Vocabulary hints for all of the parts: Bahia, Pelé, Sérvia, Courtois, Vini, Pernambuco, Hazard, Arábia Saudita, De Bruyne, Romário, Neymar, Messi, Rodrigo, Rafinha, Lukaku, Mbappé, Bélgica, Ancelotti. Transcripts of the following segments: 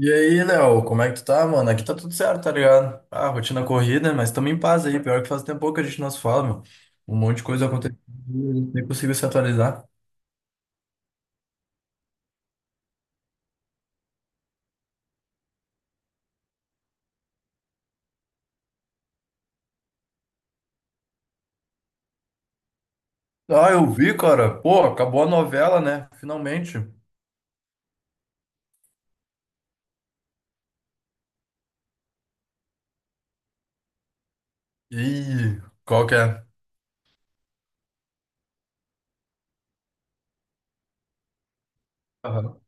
E aí, Léo, como é que tu tá, mano? Aqui tá tudo certo, tá ligado? Ah, rotina corrida, mas tamo em paz aí. Pior que faz tempo que a gente não se fala, meu. Um monte de coisa aconteceu, e nem conseguiu se atualizar. Ah, eu vi, cara. Pô, acabou a novela, né? Finalmente. E qual que é? Aham.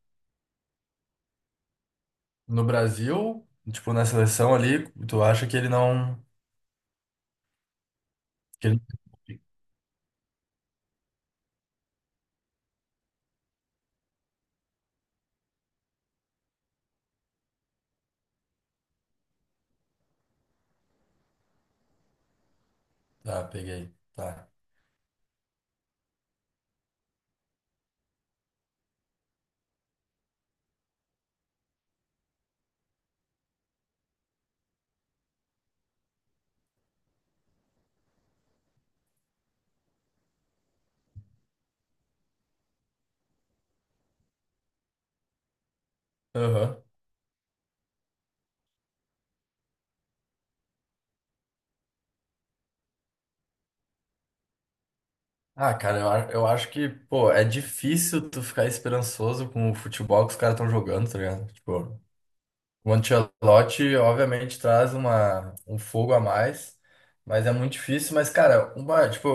No Brasil, tipo, na seleção ali, tu acha que ele não... que ele- Tá, peguei. Tá. Aham. Ah, cara, eu acho que, pô, é difícil tu ficar esperançoso com o futebol que os caras estão jogando, tá ligado? Tipo... O Ancelotti, obviamente, traz um fogo a mais, mas é muito difícil. Mas, cara, uma, tipo,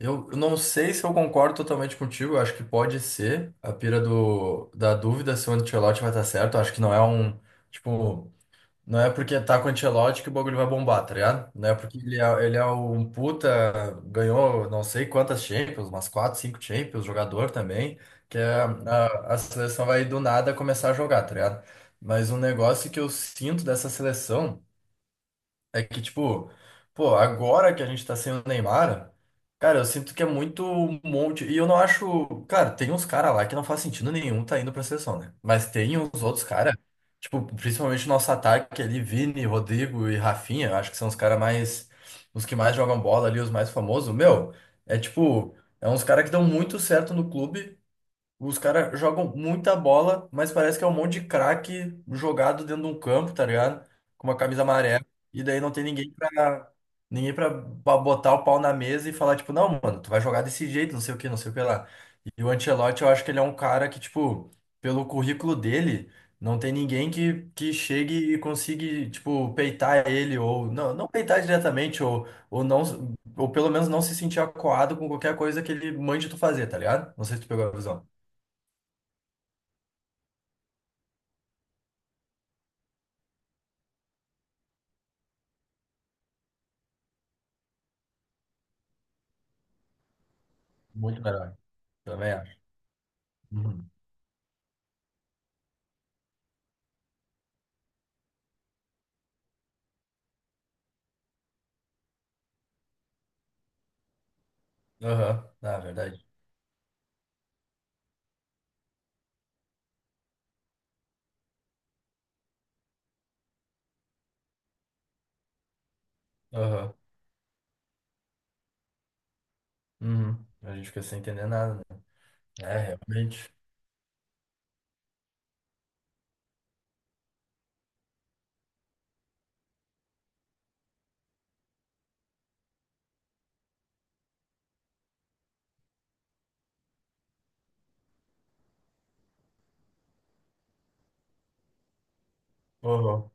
eu não sei se eu concordo totalmente contigo. Eu acho que pode ser a pira da dúvida se o Ancelotti vai estar certo. Eu acho que não é tipo, não é porque tá com o Ancelotti que o bagulho vai bombar, tá ligado? Não é porque ele é um puta, ganhou não sei quantas Champions, umas quatro, cinco Champions, jogador também, que é- a seleção vai do nada começar a jogar, tá ligado? Mas um negócio que eu sinto dessa seleção. É que, tipo, pô, agora que a gente tá sem o Neymar, cara, eu sinto que é muito um monte. E eu não acho. Cara, tem uns caras lá que não faz sentido nenhum tá indo pra seleção, né? Mas tem uns outros caras, tipo, principalmente nosso ataque ali, Vini, Rodrigo e Rafinha, eu acho que são os caras mais. Os que mais jogam bola ali, os mais famosos. Meu, é tipo. É uns caras que dão muito certo no clube. Os caras jogam muita bola, mas parece que é um monte de craque jogado dentro de um campo, tá ligado? Com uma camisa amarela. E daí não tem ninguém pra botar o pau na mesa e falar, tipo, não, mano, tu vai jogar desse jeito, não sei o que, não sei o que lá. E o Ancelotti, eu acho que ele é um cara que, tipo, pelo currículo dele, não tem ninguém que chegue e consiga, tipo, peitar ele, ou não, não peitar diretamente, ou não, ou pelo menos não se sentir acuado com qualquer coisa que ele mande tu fazer, tá ligado? Não sei se tu pegou a visão. Muito melhor, também acho. Uhum. Aham, na verdade. Aham. Uhum. A gente fica sem entender nada, né? É, realmente. Aham.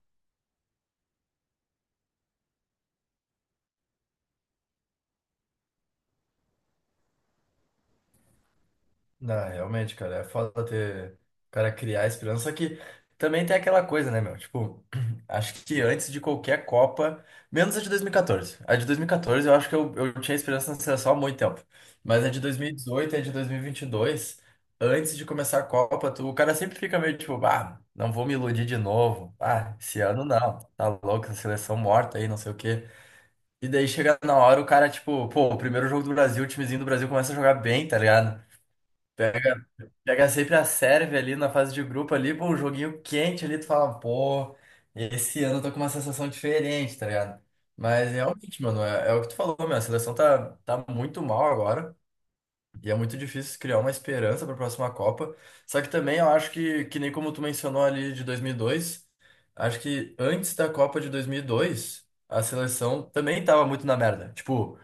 Não, realmente, cara, é foda ter o cara criar esperança, só que também tem aquela coisa, né, meu? Tipo, acho que antes de qualquer Copa, menos a de 2014. A de 2014 eu acho que eu tinha esperança na seleção há muito tempo. Mas a de 2018 e dezoito e a de 2022, antes de começar a Copa, tu, o cara sempre fica meio tipo, ah, não vou me iludir de novo. Ah, esse ano não, tá louco, essa seleção morta aí, não sei o quê. E daí chega na hora, o cara, tipo, pô, o primeiro jogo do Brasil, o timezinho do Brasil começa a jogar bem, tá ligado? Pegar sempre a Sérvia ali na fase de grupo ali, pô, um joguinho quente ali, tu fala, pô, esse ano eu tô com uma sensação diferente, tá ligado? Mas realmente, mano, é o que tu falou, meu, a seleção tá muito mal agora e é muito difícil criar uma esperança pra próxima Copa. Só que também eu acho que nem como tu mencionou ali de 2002, acho que antes da Copa de 2002, a seleção também tava muito na merda. Tipo,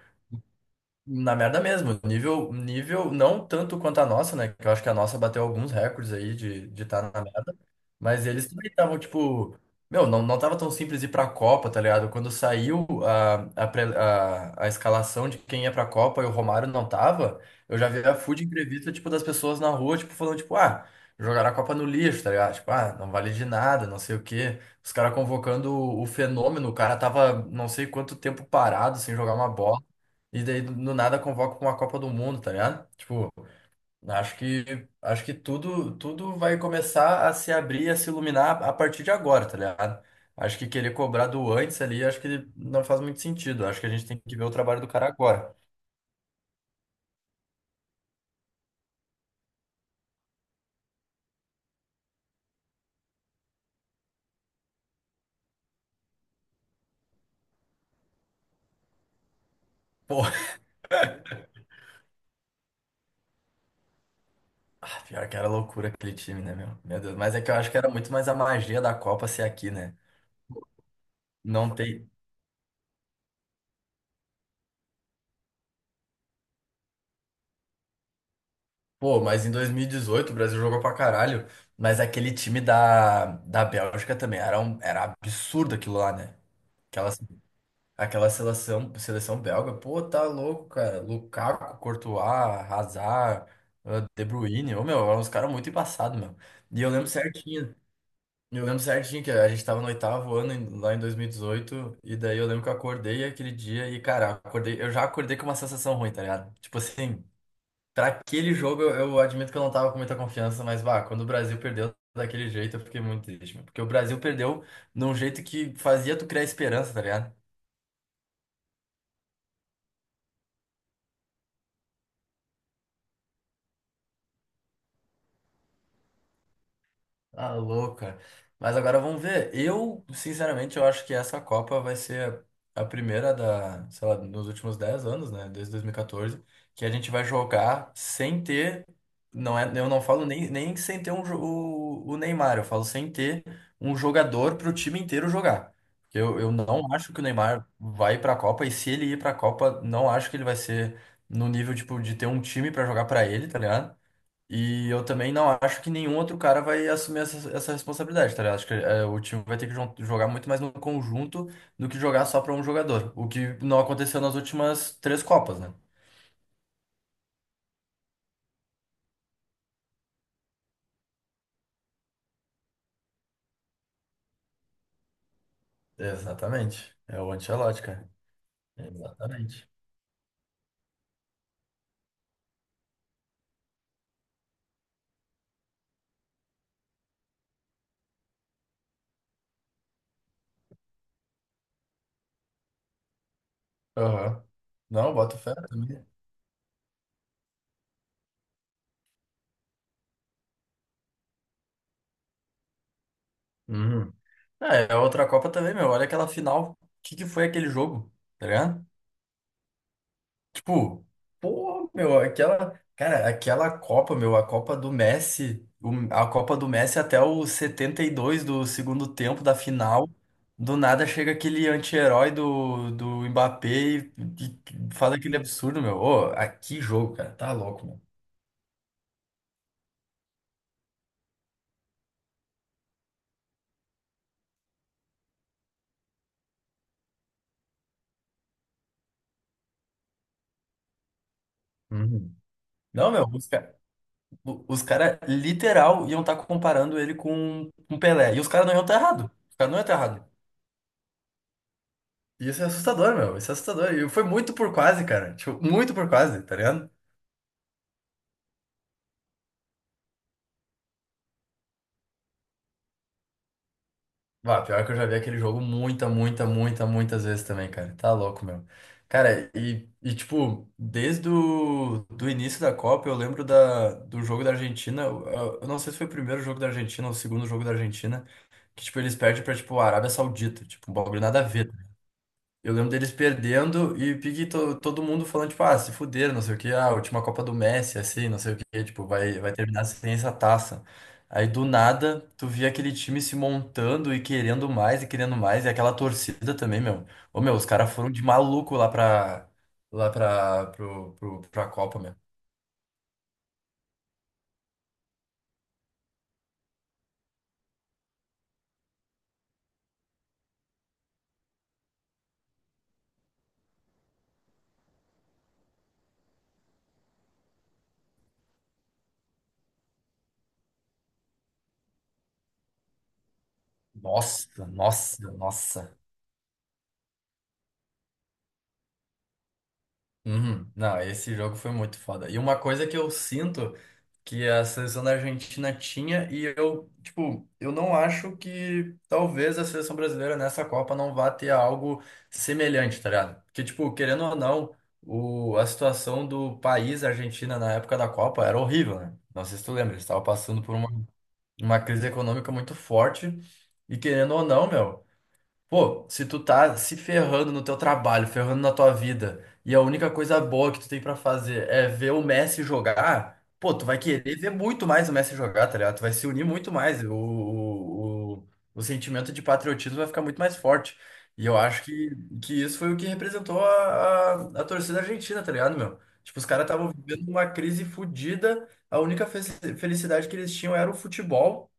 na merda mesmo, nível, nível não tanto quanto a nossa, né? Que eu acho que a nossa bateu alguns recordes aí de estar na merda. Mas eles também estavam, tipo, meu, não, não tava tão simples ir pra Copa, tá ligado? Quando saiu a escalação de quem ia pra Copa e o Romário não tava, eu já vi a food entrevista, tipo, das pessoas na rua, tipo, falando, tipo, ah, jogaram a Copa no lixo, tá ligado? Tipo, ah, não vale de nada, não sei o quê. Os caras convocando o fenômeno, o cara tava não sei quanto tempo parado sem jogar uma bola. E daí do nada convoca pra uma Copa do Mundo, tá ligado? Tipo, acho que acho que tudo vai começar a se abrir, a se iluminar a partir de agora, tá ligado? Acho que querer cobrar do antes ali, acho que não faz muito sentido. Acho que a gente tem que ver o trabalho do cara agora. Pô, ah, pior que era loucura aquele time, né, meu? Meu Deus, mas é que eu acho que era muito mais a magia da Copa ser aqui, né? Não tem. Pô, mas em 2018 o Brasil jogou pra caralho, mas aquele time da Bélgica também era absurdo aquilo lá, né? Aquela Aquela seleção belga, pô, tá louco, cara. Lukaku, Courtois, Hazard, ah, De Bruyne, ô, meu, eram uns caras muito embaçados, meu. E eu lembro certinho que a gente tava no oitavo ano, lá em 2018, e dezoito, e daí eu lembro que eu acordei aquele dia e, cara, eu já acordei com uma sensação ruim, tá ligado? Tipo assim, pra aquele jogo eu admito que eu não tava com muita confiança, mas, bah, quando o Brasil perdeu daquele jeito, eu fiquei muito triste, meu, porque o Brasil perdeu num jeito que fazia tu criar esperança, tá ligado? Tá louco, cara. Mas agora vamos ver. Eu, sinceramente, eu acho que essa Copa vai ser a primeira da, sei lá, nos últimos 10 anos, né? Desde 2014, que a gente vai jogar sem ter. Não é, eu não falo nem sem ter o Neymar, eu falo sem ter um jogador para o time inteiro jogar. Porque eu não acho que o Neymar vai para a Copa, e se ele ir para a Copa, não acho que ele vai ser no nível, tipo, de ter um time para jogar para ele, tá ligado? E eu também não acho que nenhum outro cara vai assumir essa responsabilidade, tá ligado? Acho que é, o time vai ter que jogar muito mais no conjunto do que jogar só pra um jogador. O que não aconteceu nas últimas três Copas, né? Exatamente. É o Ancelotti, cara. Exatamente. Aham. Não, bota fé também. Uhum. É, é outra Copa também, meu. Olha aquela final. O que que foi aquele jogo? Tá ligado? Tipo, pô, meu, aquela, cara, aquela Copa, meu, a Copa do Messi, a Copa do Messi até o 72 do segundo tempo da final, do nada chega aquele anti-herói do Mbappé e faz aquele absurdo, meu. Ô, aqui jogo, cara, tá louco, meu. Uhum. Não, meu, os caras literal iam estar comparando ele com um Pelé. E os caras não iam estar errado. Os caras não iam estar errado. E isso é assustador, meu. Isso é assustador. E foi muito por quase, cara. Tipo, muito por quase, tá ligado? Bah, pior que eu já vi aquele jogo muita, muita, muita, muitas vezes também, cara. Tá louco, meu. Cara, e tipo, desde o do início da Copa, eu lembro do jogo da Argentina. Eu não sei se foi o primeiro jogo da Argentina ou o segundo jogo da Argentina, que, tipo, eles perdem pra, tipo, a Arábia Saudita. Tipo, um bagulho nada a ver. Eu lembro deles perdendo e pique todo mundo falando, tipo, ah, se fuderam, não sei o quê, ah, a última Copa do Messi, assim, não sei o quê, tipo, vai terminar sem essa taça. Aí do nada, tu via aquele time se montando e querendo mais e querendo mais, e aquela torcida também, meu. Ô, meu, os caras foram de maluco lá pra, pro, pro, pra Copa, meu. Nossa, nossa, nossa. Uhum. Não, esse jogo foi muito foda. E uma coisa que eu sinto que a seleção da Argentina tinha, e eu, tipo, eu não acho que talvez a seleção brasileira nessa Copa não vá ter algo semelhante, tá ligado? Porque, tipo, querendo ou não, a situação do país a Argentina na época da Copa era horrível, né? Não sei se tu lembra, eles estavam passando por uma crise econômica muito forte, e querendo ou não, meu. Pô, se tu tá se ferrando no teu trabalho, ferrando na tua vida, e a única coisa boa que tu tem pra fazer é ver o Messi jogar, pô, tu vai querer ver muito mais o Messi jogar, tá ligado? Tu vai se unir muito mais, o sentimento de patriotismo vai ficar muito mais forte. E eu acho que isso foi o que representou a torcida argentina, tá ligado, meu? Tipo, os caras estavam vivendo uma crise fodida, a única felicidade que eles tinham era o futebol.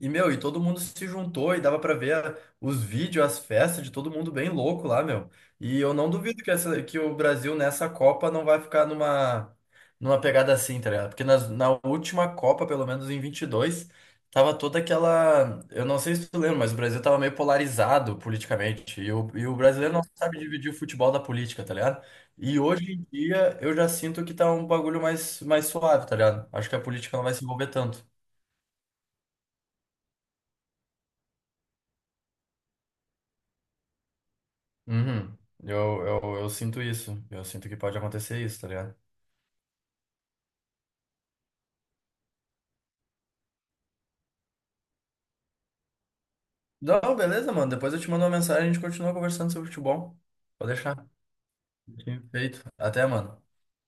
E, meu, e todo mundo se juntou e dava pra ver os vídeos, as festas de todo mundo bem louco lá, meu. E eu não duvido que o Brasil nessa Copa não vai ficar numa pegada assim, tá ligado? Porque na última Copa, pelo menos em 22 tava toda aquela. Eu não sei se tu lembra, mas o Brasil tava meio polarizado politicamente. E o brasileiro não sabe dividir o futebol da política, tá ligado? E hoje em dia eu já sinto que tá um bagulho mais suave, tá ligado? Acho que a política não vai se envolver tanto. Uhum. Eu sinto isso. Eu sinto que pode acontecer isso, tá ligado? Não, beleza, mano. Depois eu te mando uma mensagem e a gente continua conversando sobre futebol. Pode deixar. Sim. Feito. Até, mano.